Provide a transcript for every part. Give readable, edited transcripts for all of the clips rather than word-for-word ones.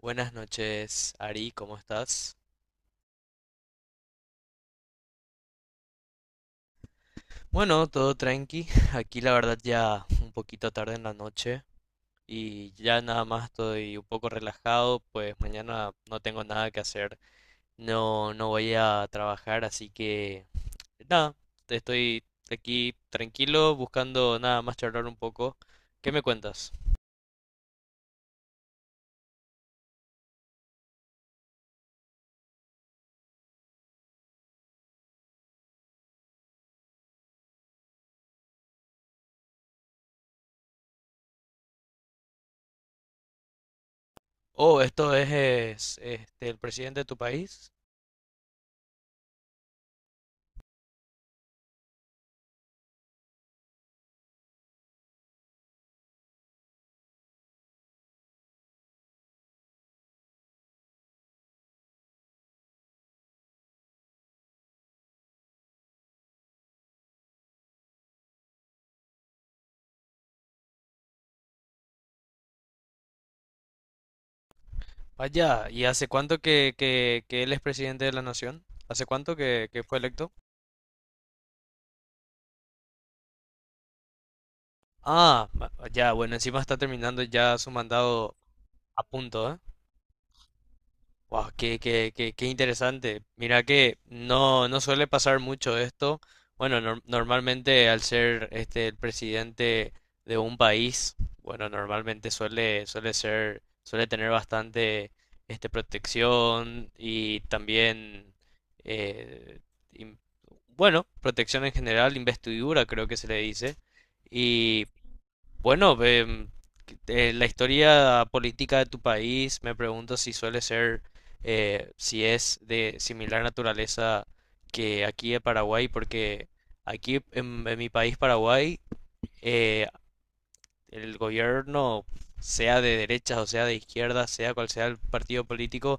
Buenas noches, Ari, ¿cómo estás? Bueno, todo tranqui. Aquí la verdad ya un poquito tarde en la noche y ya nada más estoy un poco relajado, pues mañana no tengo nada que hacer. No, no voy a trabajar, así que nada, estoy aquí tranquilo buscando nada más charlar un poco. ¿Qué me cuentas? Oh, esto es, este, el presidente de tu país. Vaya, ¿y hace cuánto que él es presidente de la nación? ¿Hace cuánto que, fue electo? Ya, bueno, encima está terminando ya su mandado a punto, ¿eh? Wow, qué interesante. Mira que no, no suele pasar mucho esto. Bueno, normalmente al ser este el presidente de un país, bueno, normalmente suele tener bastante este protección y también eh, im- bueno, protección en general, investidura creo que se le dice. Y bueno, la historia política de tu país, me pregunto si suele ser, si es de similar naturaleza que aquí en Paraguay, porque aquí en mi país, Paraguay, eh, el gobierno, sea de derechas o sea de izquierdas, sea cual sea el partido político,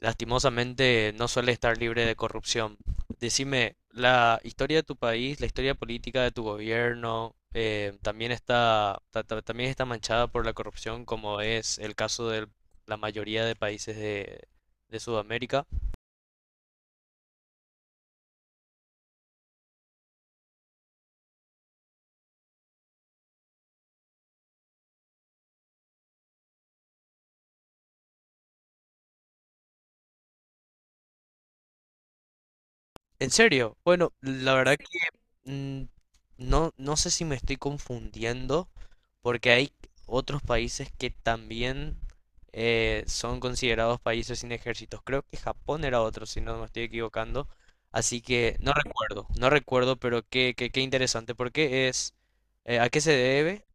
lastimosamente no suele estar libre de corrupción. Decime, la historia de tu país, la historia política de tu gobierno, también está, también está manchada por la corrupción, como es el caso de la mayoría de países de Sudamérica. ¿En serio? Bueno, la verdad mm, no, no sé si me estoy confundiendo, porque hay otros países que también son considerados países sin ejércitos. Creo que Japón era otro, si no me estoy equivocando. Así que no recuerdo, pero qué interesante. ¿Por qué es? ¿A qué se debe?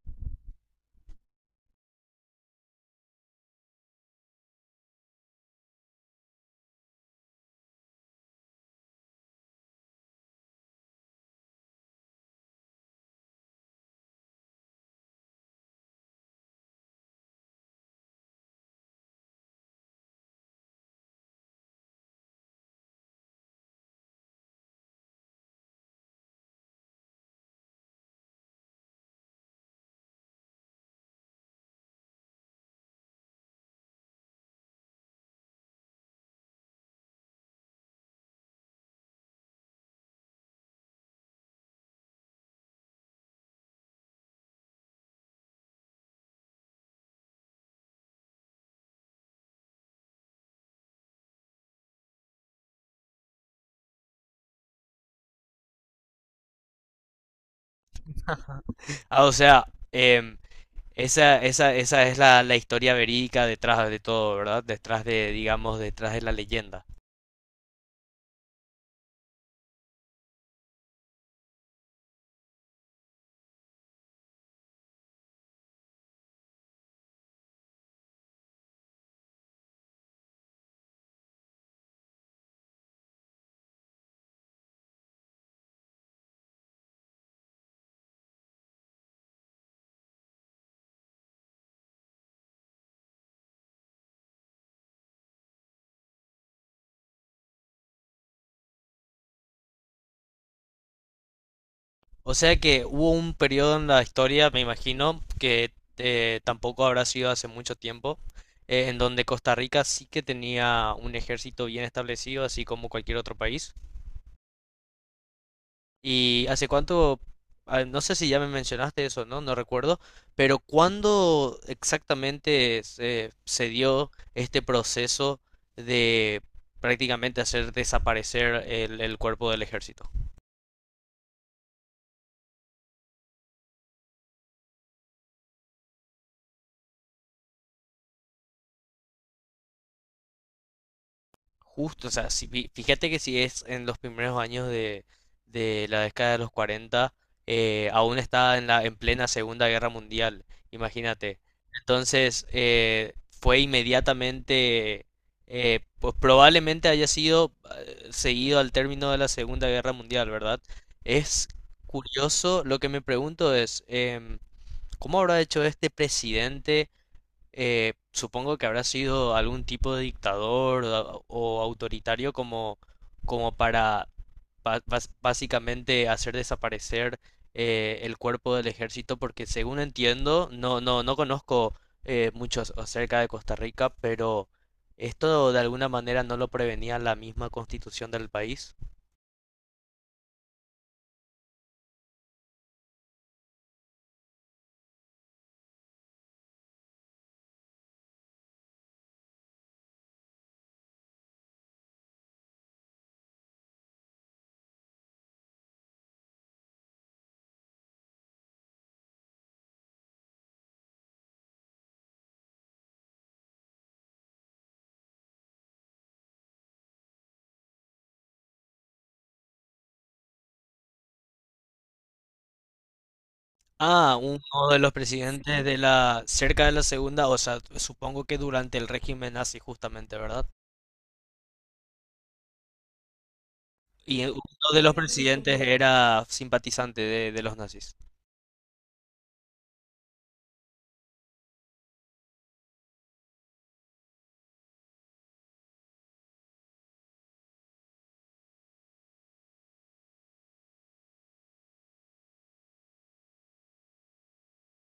Ah, o sea, em, esa es la historia verídica detrás de todo, ¿verdad? Detrás de, digamos, detrás de la leyenda. O sea que hubo un periodo en la historia, me imagino, que tampoco habrá sido hace mucho tiempo, en donde Costa Rica sí que tenía un ejército bien establecido, así como cualquier otro país. ¿Y hace cuánto? No sé si ya me mencionaste eso, ¿no? No recuerdo, pero ¿cuándo exactamente se dio este proceso de prácticamente hacer desaparecer el cuerpo del ejército? Justo, o sea, fíjate que si es en los primeros años de la década de los 40, aún está en en plena Segunda Guerra Mundial, imagínate. Entonces, fue inmediatamente, pues probablemente haya sido seguido al término de la Segunda Guerra Mundial, ¿verdad? Es curioso, lo que me pregunto es, em, ¿cómo habrá hecho este presidente? Eh, supongo que habrá sido algún tipo de dictador o autoritario como, como para básicamente hacer desaparecer el cuerpo del ejército, porque según entiendo, no conozco mucho acerca de Costa Rica, pero esto de alguna manera no lo prevenía la misma constitución del país. Ah, uno de los presidentes de la, cerca de la segunda, o sea, supongo que durante el régimen nazi justamente, ¿verdad? Y uno de los presidentes era simpatizante de los nazis.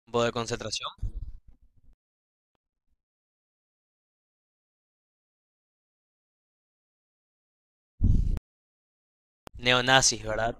Campo de concentración. Neonazis, ¿verdad?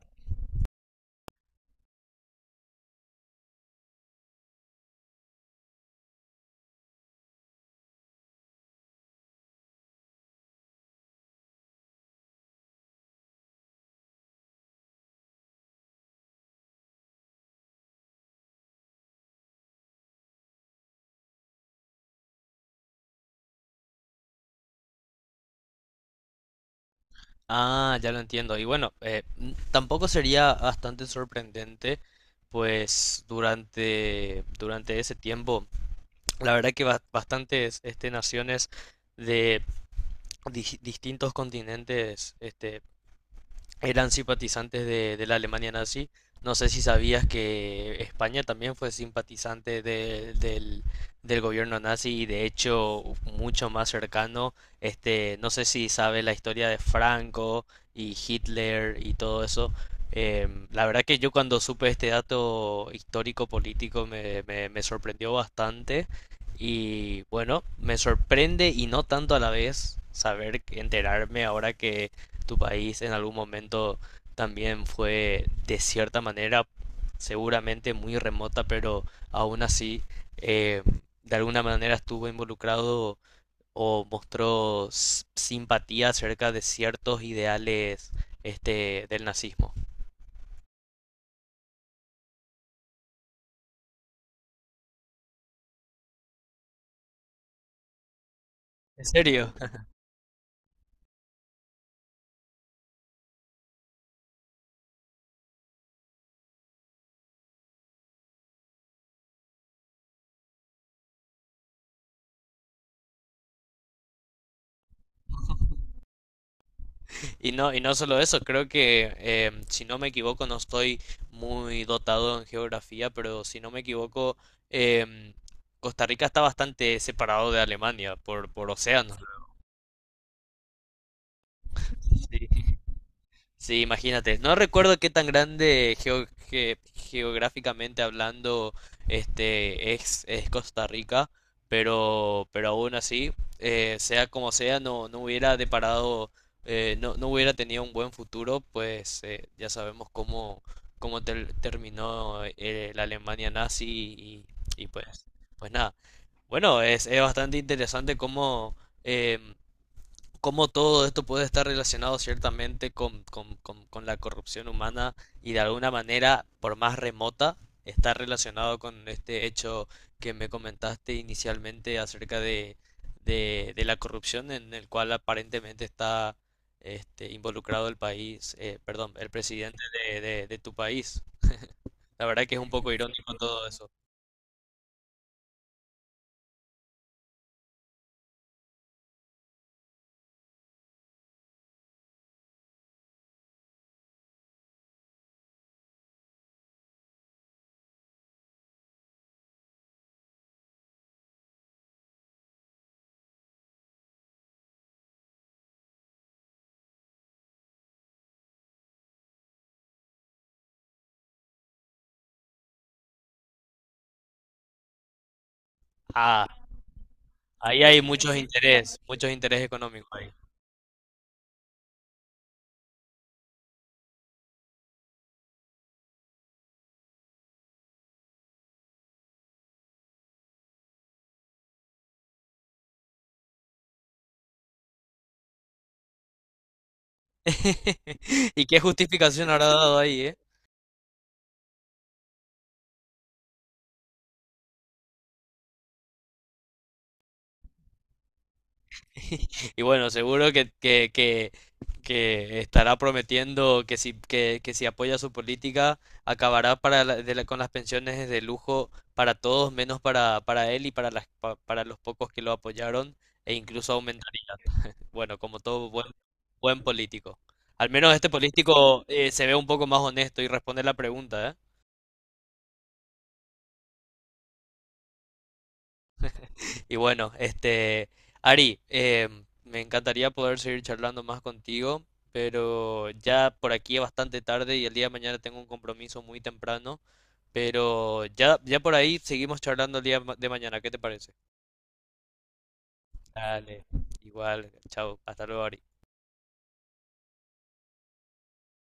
Ah, ya lo entiendo. Y bueno, tampoco sería bastante sorprendente, pues durante ese tiempo, la verdad que bastantes este, naciones de distintos continentes este, eran simpatizantes de la Alemania nazi. No sé si sabías que España también fue simpatizante del, del gobierno nazi y de hecho mucho más cercano. Este, no sé si sabes la historia de Franco y Hitler y todo eso. Em, la verdad que yo cuando supe este dato histórico político me sorprendió bastante y bueno, me sorprende y no tanto a la vez saber, enterarme ahora que tu país en algún momento también fue de cierta manera seguramente muy remota, pero aún así eh, de alguna manera estuvo involucrado o mostró simpatía acerca de ciertos ideales este del nazismo. ¿En serio? Y no solo eso, creo que si no me equivoco, no estoy muy dotado en geografía, pero si no me equivoco, em, Costa Rica está bastante separado de Alemania por océanos. Sí. Sí, imagínate. No recuerdo qué tan grande geográficamente hablando este es Costa Rica, pero aún así, sea como sea, no, no hubiera deparado, no, no hubiera tenido un buen futuro, pues ya sabemos cómo, cómo terminó la Alemania nazi y pues, pues nada. Bueno, es bastante interesante cómo... em, cómo todo esto puede estar relacionado ciertamente con, con la corrupción humana y de alguna manera, por más remota, está relacionado con este hecho que me comentaste inicialmente acerca de, de la corrupción en el cual aparentemente está este, involucrado el país, perdón, el presidente de, de tu país. La verdad que es un poco irónico todo eso. Ah, ahí hay muchos intereses económicos ahí. ¿Y qué justificación habrá dado ahí, eh? Y bueno, seguro que estará prometiendo que si apoya su política, acabará para con las pensiones de lujo para todos, menos para él y para, las, para los pocos que lo apoyaron, e incluso aumentar, bueno, como todo buen, buen político. Al menos este político se ve un poco más honesto y responde la pregunta, ¿eh? Y bueno, este, Ari, me encantaría poder seguir charlando más contigo, pero ya por aquí es bastante tarde y el día de mañana tengo un compromiso muy temprano, pero ya, ya por ahí seguimos charlando el día de mañana, ¿qué te parece? Dale, igual, chao, hasta luego, Ari.